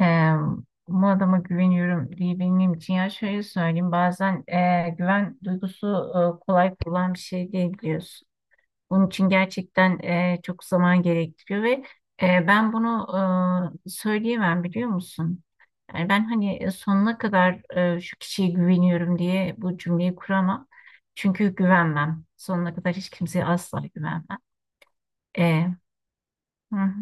Eee, Bu adama güveniyorum diyebilmem için ya şöyle söyleyeyim, bazen güven duygusu kolay kurulan bir şey değil, biliyorsun. Bunun için gerçekten çok zaman gerektiriyor ve ben bunu söyleyemem, biliyor musun? Yani ben hani sonuna kadar şu kişiye güveniyorum diye bu cümleyi kuramam. Çünkü güvenmem. Sonuna kadar hiç kimseye asla güvenmem. Eee, hı hı.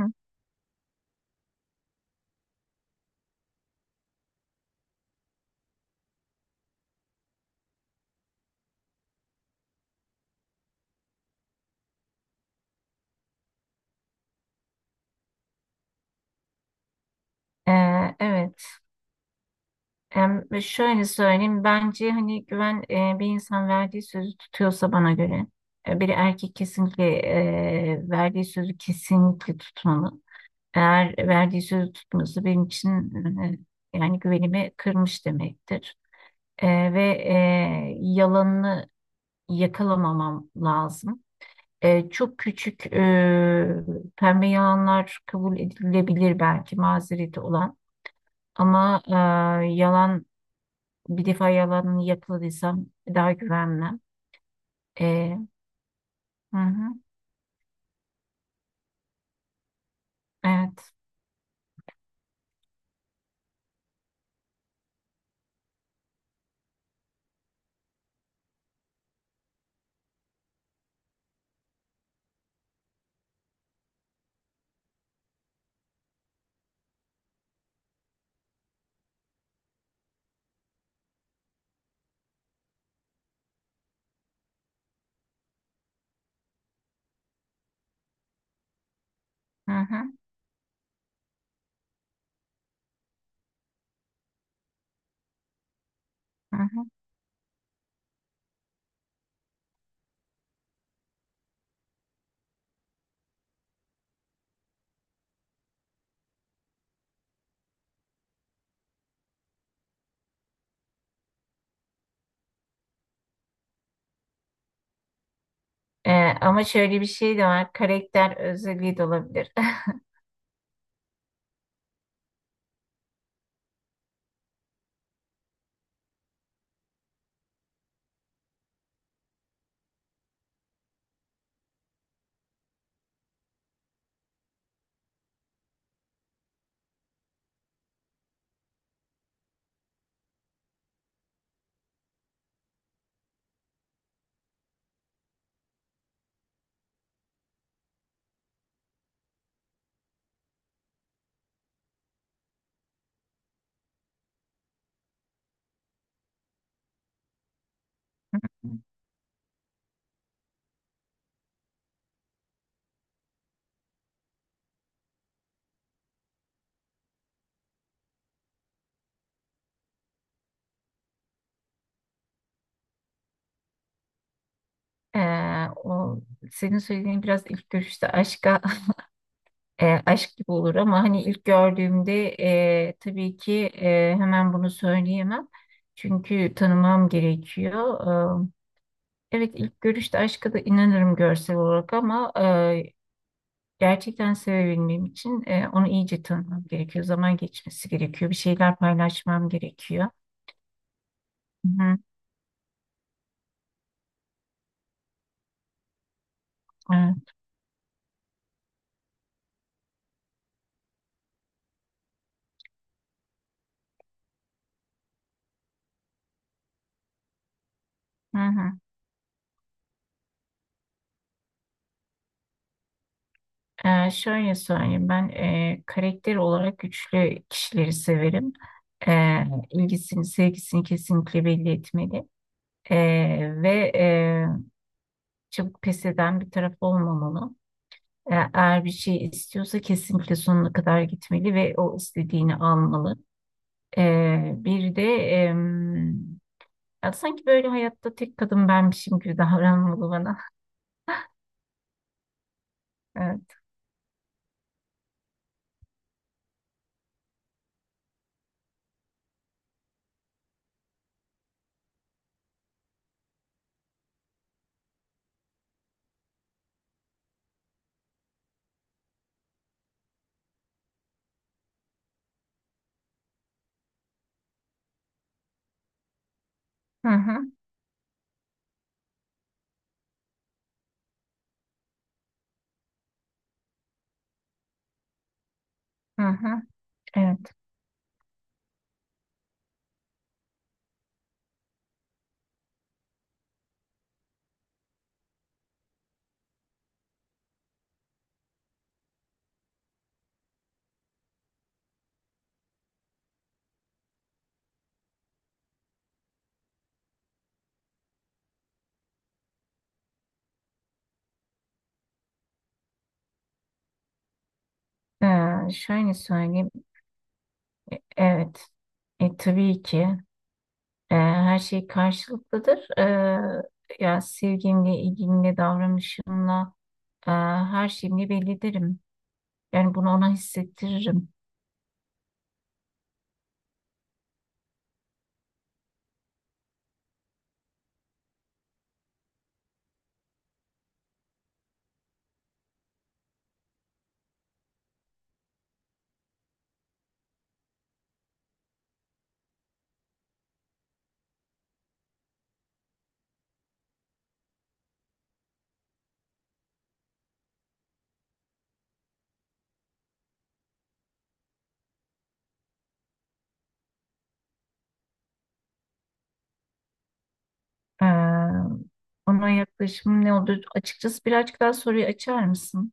hı. Evet. Ve şöyle söyleyeyim, bence hani güven, bir insan verdiği sözü tutuyorsa bana göre. Bir erkek kesinlikle verdiği sözü kesinlikle tutmalı. Eğer verdiği sözü tutmuyorsa benim için, e, yani güvenimi kırmış demektir. E, ve yalanını yakalamamam lazım. Çok küçük, pembe yalanlar kabul edilebilir, belki mazereti olan. Ama e, yalan bir defa yalanını yakaladıysam daha güvenmem. Ee, hı hı, evet. Hı hı, hı hı. Ee, Ama şöyle bir şey de var. Karakter özelliği de olabilir. O senin söylediğin biraz ilk görüşte aşka aşk gibi olur, ama hani ilk gördüğümde tabii ki hemen bunu söyleyemem. Çünkü tanımam gerekiyor. Ee, evet, ilk görüşte aşka da inanırım, görsel olarak, ama gerçekten sevebilmem için onu iyice tanımam gerekiyor. Zaman geçmesi gerekiyor. Bir şeyler paylaşmam gerekiyor. Hı hı, evet, hı hı. Şöyle söyleyeyim, ben karakter olarak güçlü kişileri severim. E, ilgisini, sevgisini kesinlikle belli etmeli. E, ve çabuk pes eden bir taraf olmamalı. Eğer bir şey istiyorsa kesinlikle sonuna kadar gitmeli ve o istediğini almalı. Bir de... Ya sanki böyle hayatta tek kadın benmişim gibi davranmalı bana. Evet. Hı hı, hı hı. Evet. Şöyle söyleyeyim. Evet. Tabii ki her şey karşılıklıdır. Ya sevgimle, ilgimle, davranışımla, her şeyimle belli ederim. Yani bunu ona hissettiririm. Ee, Ona yaklaşımım ne olur? Açıkçası birazcık daha soruyu açar mısın?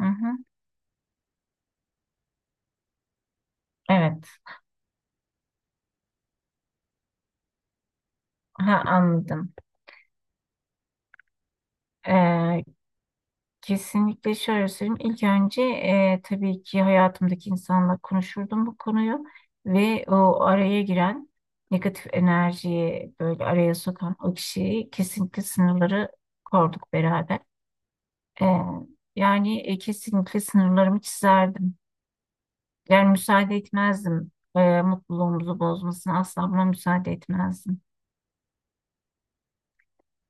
Hı hı. Evet. Ha, anladım. Ee, Kesinlikle şöyle söyleyeyim. İlk önce tabii ki hayatımdaki insanla konuşurdum bu konuyu ve o araya giren negatif enerjiyi, böyle araya sokan o kişiyi, kesinlikle sınırları korduk beraber. E, yani kesinlikle sınırlarımı çizerdim. Yani müsaade etmezdim, mutluluğumuzu bozmasına asla buna müsaade etmezdim.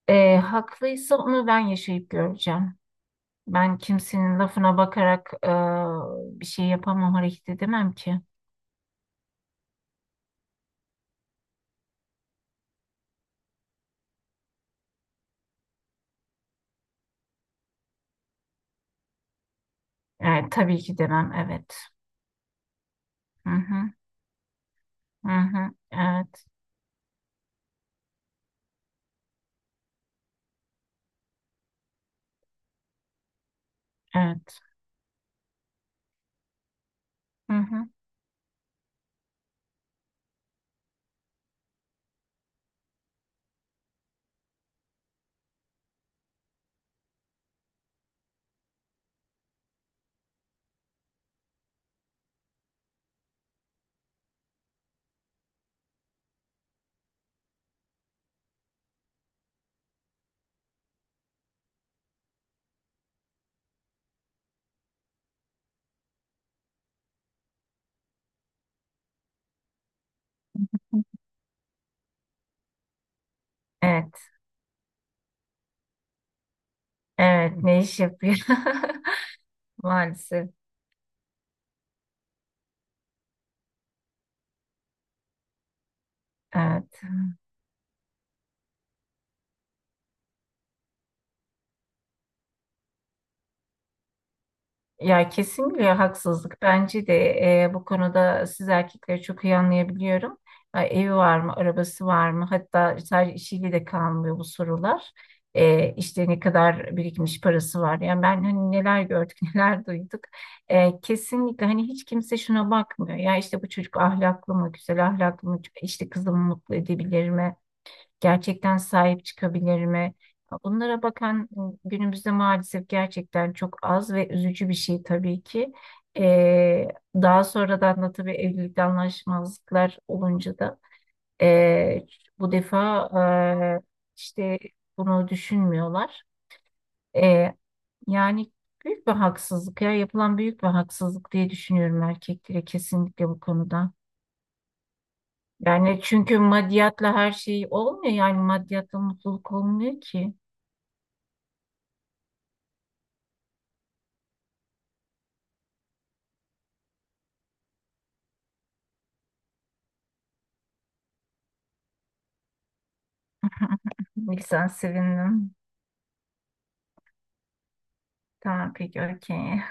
E, haklıysa onu ben yaşayıp göreceğim. Ben kimsenin lafına bakarak bir şey yapamam, hareket edemem ki. Evet, tabii ki demem, evet. Hı hı, hı hı, evet, evet, hı hı, evet, evet, ne iş yapıyor? Maalesef, evet. Ya kesinlikle haksızlık. Bence de bu konuda siz erkekleri çok iyi anlayabiliyorum. Ha, evi var mı, arabası var mı? Hatta sadece işiyle de kalmıyor bu sorular. İşte ne kadar birikmiş parası var. Yani ben hani neler gördük, neler duyduk. Kesinlikle hani hiç kimse şuna bakmıyor. Ya işte bu çocuk ahlaklı mı, güzel ahlaklı mı? İşte kızımı mutlu edebilir mi? Gerçekten sahip çıkabilir mi? Bunlara bakan günümüzde maalesef gerçekten çok az ve üzücü bir şey tabii ki. Ee, Daha sonradan da tabii evlilikte anlaşmazlıklar olunca da, ee, bu defa ee, işte bunu düşünmüyorlar. Ee, Yani büyük bir haksızlık, ya, yapılan büyük bir haksızlık diye düşünüyorum erkeklere kesinlikle bu konuda. Yani çünkü maddiyatla her şey olmuyor, yani maddiyatla mutluluk olmuyor ki. Ne güzel, sevindim. Tamam, peki, okey.